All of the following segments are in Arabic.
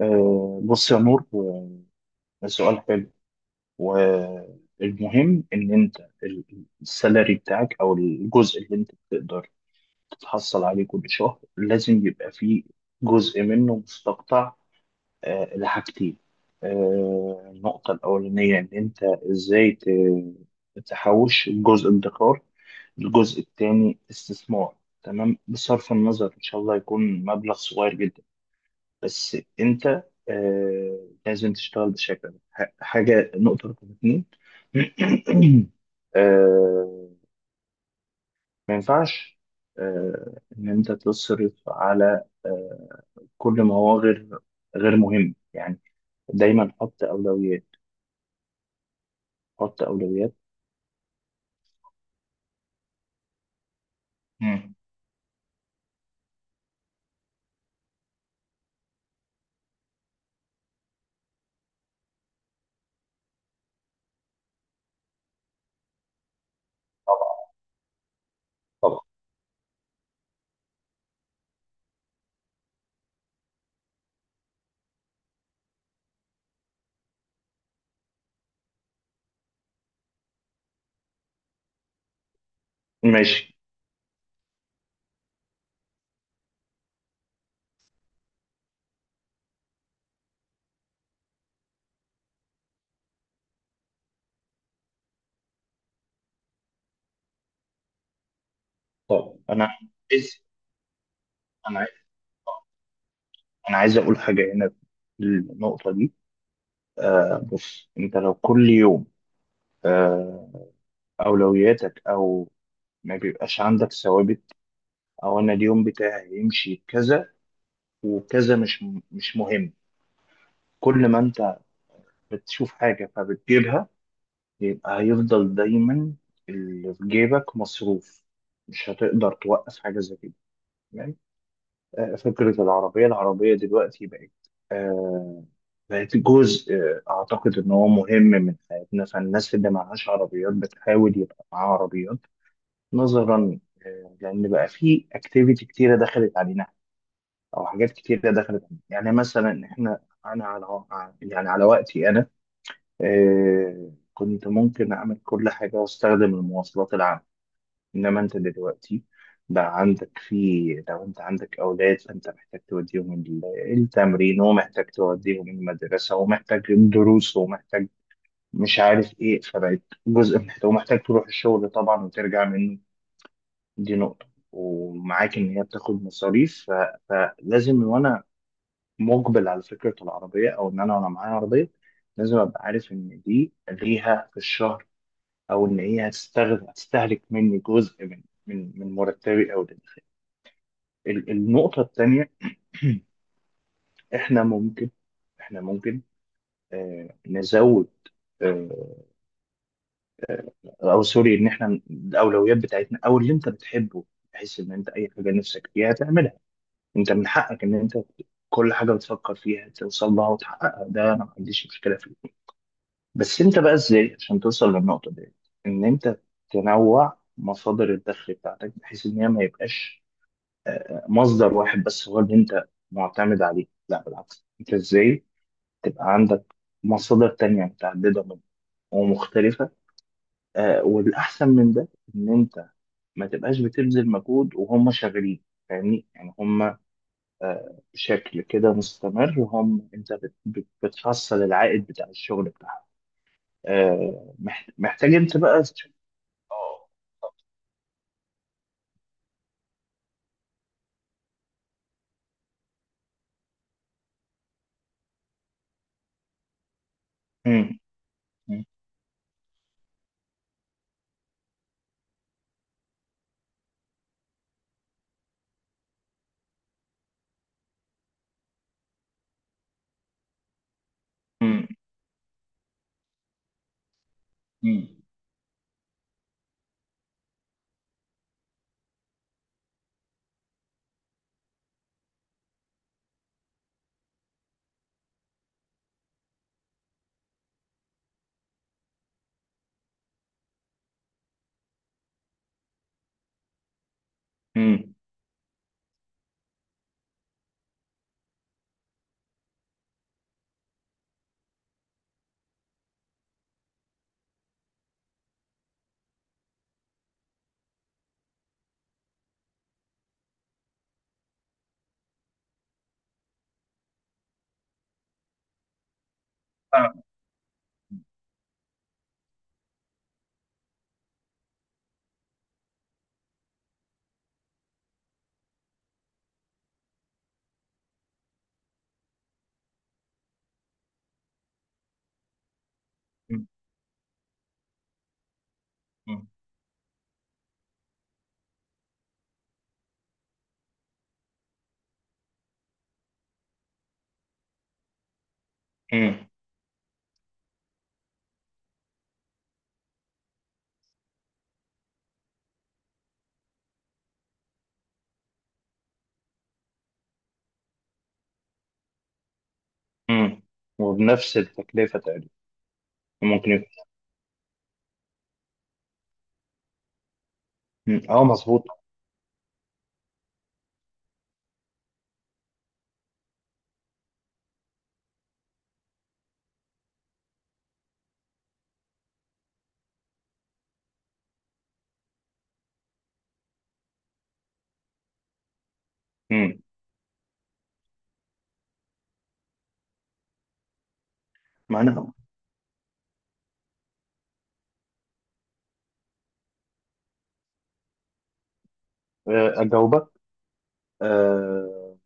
بص يا نور، سؤال حلو. والمهم ان انت السالري بتاعك او الجزء اللي انت بتقدر تتحصل عليه كل شهر لازم يبقى فيه جزء منه مستقطع، لحاجتين. النقطة الأولانية إن أنت إزاي تحوش الجزء ادخار، الجزء التاني استثمار. تمام، بصرف النظر إن شاء الله يكون مبلغ صغير جدا، بس انت لازم تشتغل بشكل ده. حاجه، نقطه رقم اتنين. آه ما ينفعش ان انت تصرف على كل ما هو غير مهم، يعني دايما حط اولويات، حط اولويات. مم. طبعا. طبعا. ماشي. طب عايز انا عايز انا عايز اقول حاجه هنا في النقطه دي. بص، انت لو كل يوم آه اولوياتك او ما بيبقاش عندك ثوابت، او انا اليوم بتاعي يمشي كذا وكذا، مش مهم، كل ما انت بتشوف حاجة فبتجيبها، يبقى هيفضل دايما اللي في جيبك مصروف، مش هتقدر توقف حاجة زي كده. تمام. فكرة العربية دلوقتي بقت، آه، بقت جزء، أعتقد إن هو مهم من حياتنا، فالناس اللي معهاش عربيات بتحاول يبقى معاها عربيات، نظرا، لأن بقى في أكتيفيتي كتيرة دخلت علينا او حاجات كتير دخلت. يعني مثلا احنا، انا على، يعني على وقتي انا كنت ممكن اعمل كل حاجه واستخدم المواصلات العامه. انما انت دلوقتي بقى عندك في، لو انت عندك اولاد فانت محتاج توديهم التمرين، ومحتاج توديهم المدرسه، ومحتاج الدروس، ومحتاج مش عارف ايه، فبقت جزء محتاج، ومحتاج تروح الشغل طبعا وترجع منه. دي نقطه، ومعاك ان هي بتاخد مصاريف، فلازم وانا مقبل على فكرة العربية أو إن أنا وأنا معايا عربية، لازم أبقى عارف إن دي ليها في الشهر، أو إن هي هتستهلك مني جزء من مرتبي أو ده. النقطة التانية، إحنا ممكن إحنا ممكن نزود، آه أو سوري، إن إحنا الأولويات بتاعتنا أو اللي أنت بتحبه، بحيث إن أنت أي حاجة نفسك فيها تعملها، أنت من حقك إن أنت كل حاجة بتفكر فيها توصل لها وتحققها، ده أنا ما عنديش مشكلة فيه. بس انت بقى ازاي عشان توصل للنقطة دي؟ ان انت تنوع مصادر الدخل بتاعتك، بحيث ان هي ما يبقاش مصدر واحد بس هو اللي انت معتمد عليه، لا بالعكس، انت ازاي تبقى عندك مصادر تانية متعددة من ومختلفة. والاحسن من ده ان انت ما تبقاش بتبذل مجهود وهم شغالين، فاهمني؟ يعني هم بشكل كده مستمر، هم انت بتحصل العائد بتاع الشغل بتاعهم. محتاج انت بقى. اه، بالظبط. مم. مم. مم. مم. مم. فاهم. مم. مم. مم. مم. وبنفس التكلفة تقريبا. ممكن يكون. مم. اه مظبوط. مم. معنى، أجاوبك. آه،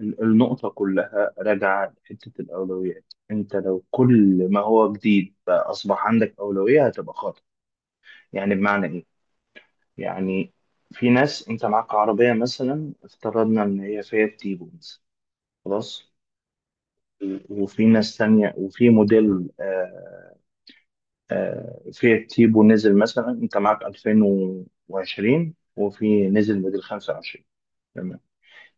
النقطة كلها راجعة لحتة الأولويات. أنت لو كل ما هو جديد بقى أصبح عندك أولوية، هتبقى خاطئ. يعني بمعنى إيه؟ يعني في ناس أنت معاك عربية، مثلا افترضنا إن هي فيها تيبو مثلا، خلاص، وفي ناس تانية وفي موديل، فيات تيبو نزل مثلا انت معاك 2020 وفي نزل موديل 25، تمام؟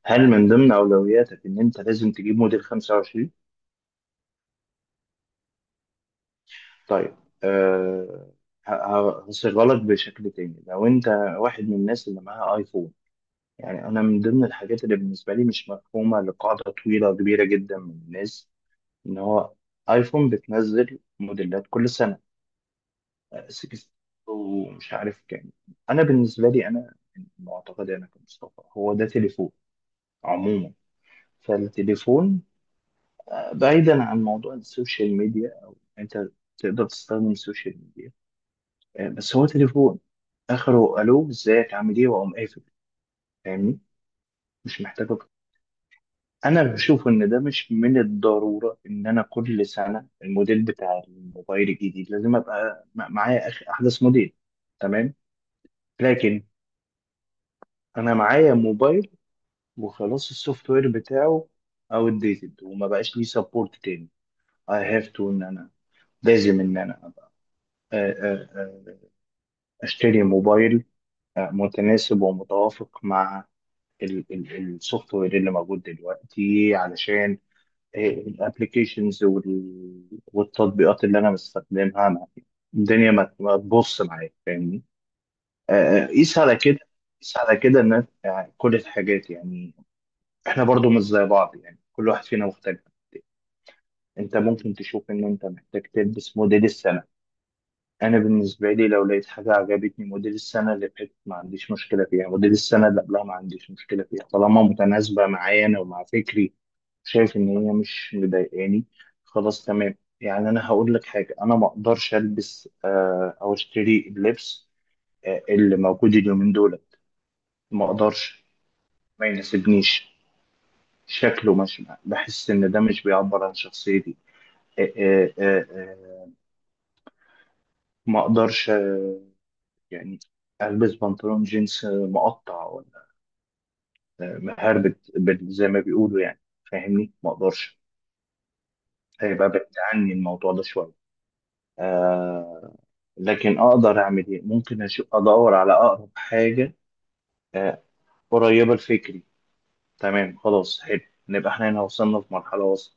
هل من ضمن اولوياتك ان انت لازم تجيب موديل 25؟ طيب. أه. هصيغها لك بشكل تاني. لو انت واحد من الناس اللي معاها ايفون، يعني انا من ضمن الحاجات اللي بالنسبه لي مش مفهومه لقاعده طويله كبيره جدا من الناس، ان هو ايفون بتنزل موديلات كل سنه، سكس ومش عارف كام. انا بالنسبه لي، انا من معتقدي انا كمصطفى، هو ده تليفون عموما. فالتليفون، بعيدا عن موضوع السوشيال ميديا او انت تقدر تستخدم السوشيال ميديا، بس هو تليفون، اخره الو ازيك عامل ايه واقوم قافل، فاهمني؟ مش محتاج أكتر. انا بشوف ان ده مش من الضروره ان انا كل سنه الموديل بتاع الموبايل الجديد لازم ابقى معايا احدث موديل. تمام. لكن انا معايا موبايل وخلاص السوفت وير بتاعه اوت ديتد وما بقاش ليه سبورت تاني، I have to، ان انا لازم ان انا ابقى، آه، آه، آه، اشتري موبايل متناسب ومتوافق مع السوفت وير اللي موجود دلوقتي، علشان الابلكيشنز والتطبيقات اللي انا بستخدمها، الدنيا ما تبص معايا، فاهمني؟ قيس على كده، قيس على كده، ان يعني كل الحاجات، يعني احنا برضو مش زي بعض، يعني كل واحد فينا مختلف. انت ممكن تشوف ان انت محتاج تلبس موديل السنة، انا بالنسبة لي لو لقيت حاجة عجبتني موديل السنة اللي فاتت ما عنديش مشكلة فيها، موديل السنة اللي قبلها ما عنديش مشكلة فيها، طالما متناسبة معايا انا ومع فكري، شايف ان هي مش مضايقاني، خلاص تمام. يعني انا هقول لك حاجة، انا ما اقدرش البس او اشتري اللبس اللي موجود اليومين دول، ما اقدرش، ما يناسبنيش، شكله، مش بحس ان ده مش بيعبر عن شخصيتي. آه، آه، آه، آه، ما اقدرش يعني البس بنطلون جينز مقطع ولا مهربت زي ما بيقولوا يعني، فاهمني؟ ما اقدرش، هيبقى بعيد عني الموضوع ده شويه. آه لكن اقدر اعمل ايه؟ ممكن أشوف ادور على اقرب حاجه آه قريبه لفكري، تمام، خلاص حلو، نبقى احنا هنا وصلنا في مرحله وسط.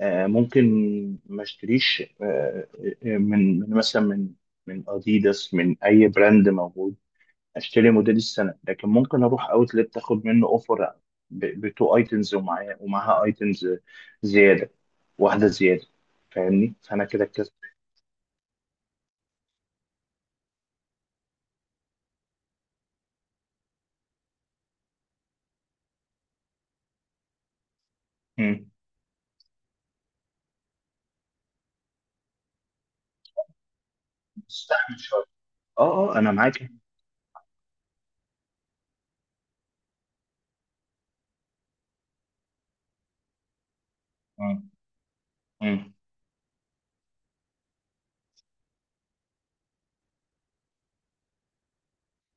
ممكن ما اشتريش آه آه، من من مثلا من من اديداس من اي براند موجود، اشتري موديل السنه، لكن ممكن اروح اوتلت اخد منه اوفر، بتو ايتمز، ومعايا ومعاها ايتمز زياده، واحده زياده، فاهمني؟ فانا كده كسبت. مم. استحمل شويه. اه انا معاك. مم. مم.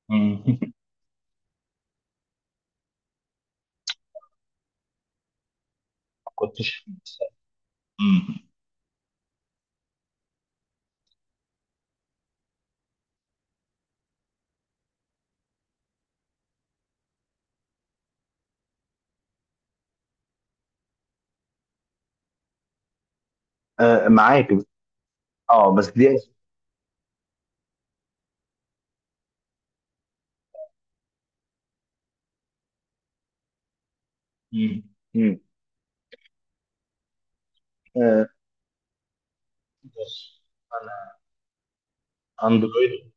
مم. ما كنتش. مم. آه معاك. اه، بس دي. مم. مم. آه، بص انا اندرويد.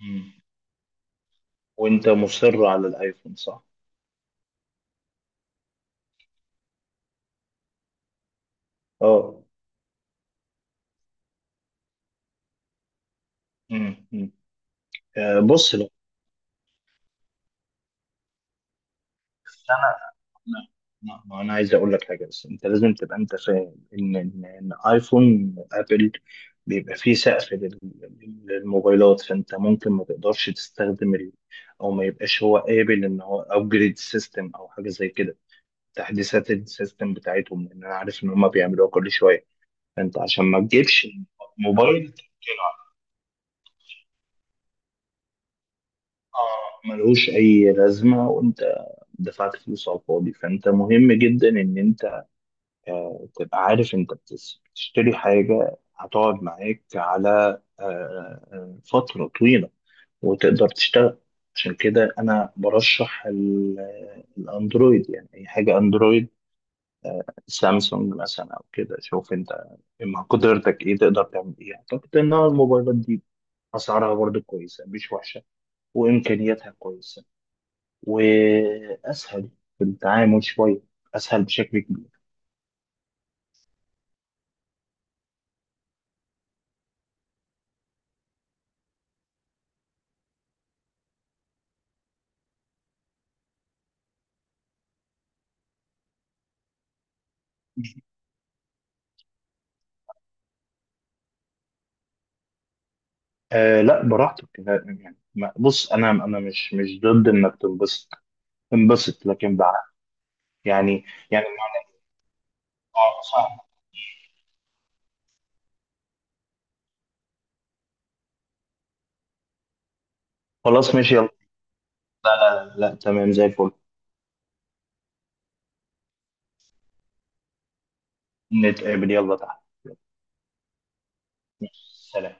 مم. وانت مصر على الايفون، صح؟ اه. مم. مم. آه بص، لو، لا لا ما انا عايز اقول لك حاجه، بس انت لازم تبقى انت فاهم ان إن ايفون ابل بيبقى فيه سقف للموبايلات، فانت ممكن ما تقدرش تستخدم ال... او ما يبقاش هو قابل ان هو ابجريد سيستم او حاجه زي كده، تحديثات السيستم بتاعتهم، لان انا عارف ان هم بيعملوها كل شويه. فانت عشان ما تجيبش موبايل ملهوش اي لازمه وانت دفعت فلوس على الفاضي، فانت مهم جدا ان انت تبقى عارف انت بتشتري حاجة هتقعد معاك على فترة طويلة وتقدر تشتغل. عشان كده انا برشح الاندرويد، يعني اي حاجة اندرويد، سامسونج مثلا او كده، شوف انت مع قدرتك ايه تقدر تعمل ايه. اعتقد ان الموبايلات دي اسعارها برضه كويسة، مش وحشة، وامكانياتها كويسة، واسهل في التعامل شوية، اسهل بشكل كبير. لا براحتك، لا، يعني ما- بص انا، انا مش ضد انك تنبسط، انبسط، لكن بقى يعني، يعني بمعنى، صح. خلاص ماشي يلا، لا تمام زي الفل. نتقابل، يلا تحت، يلا، ماشي، سلام.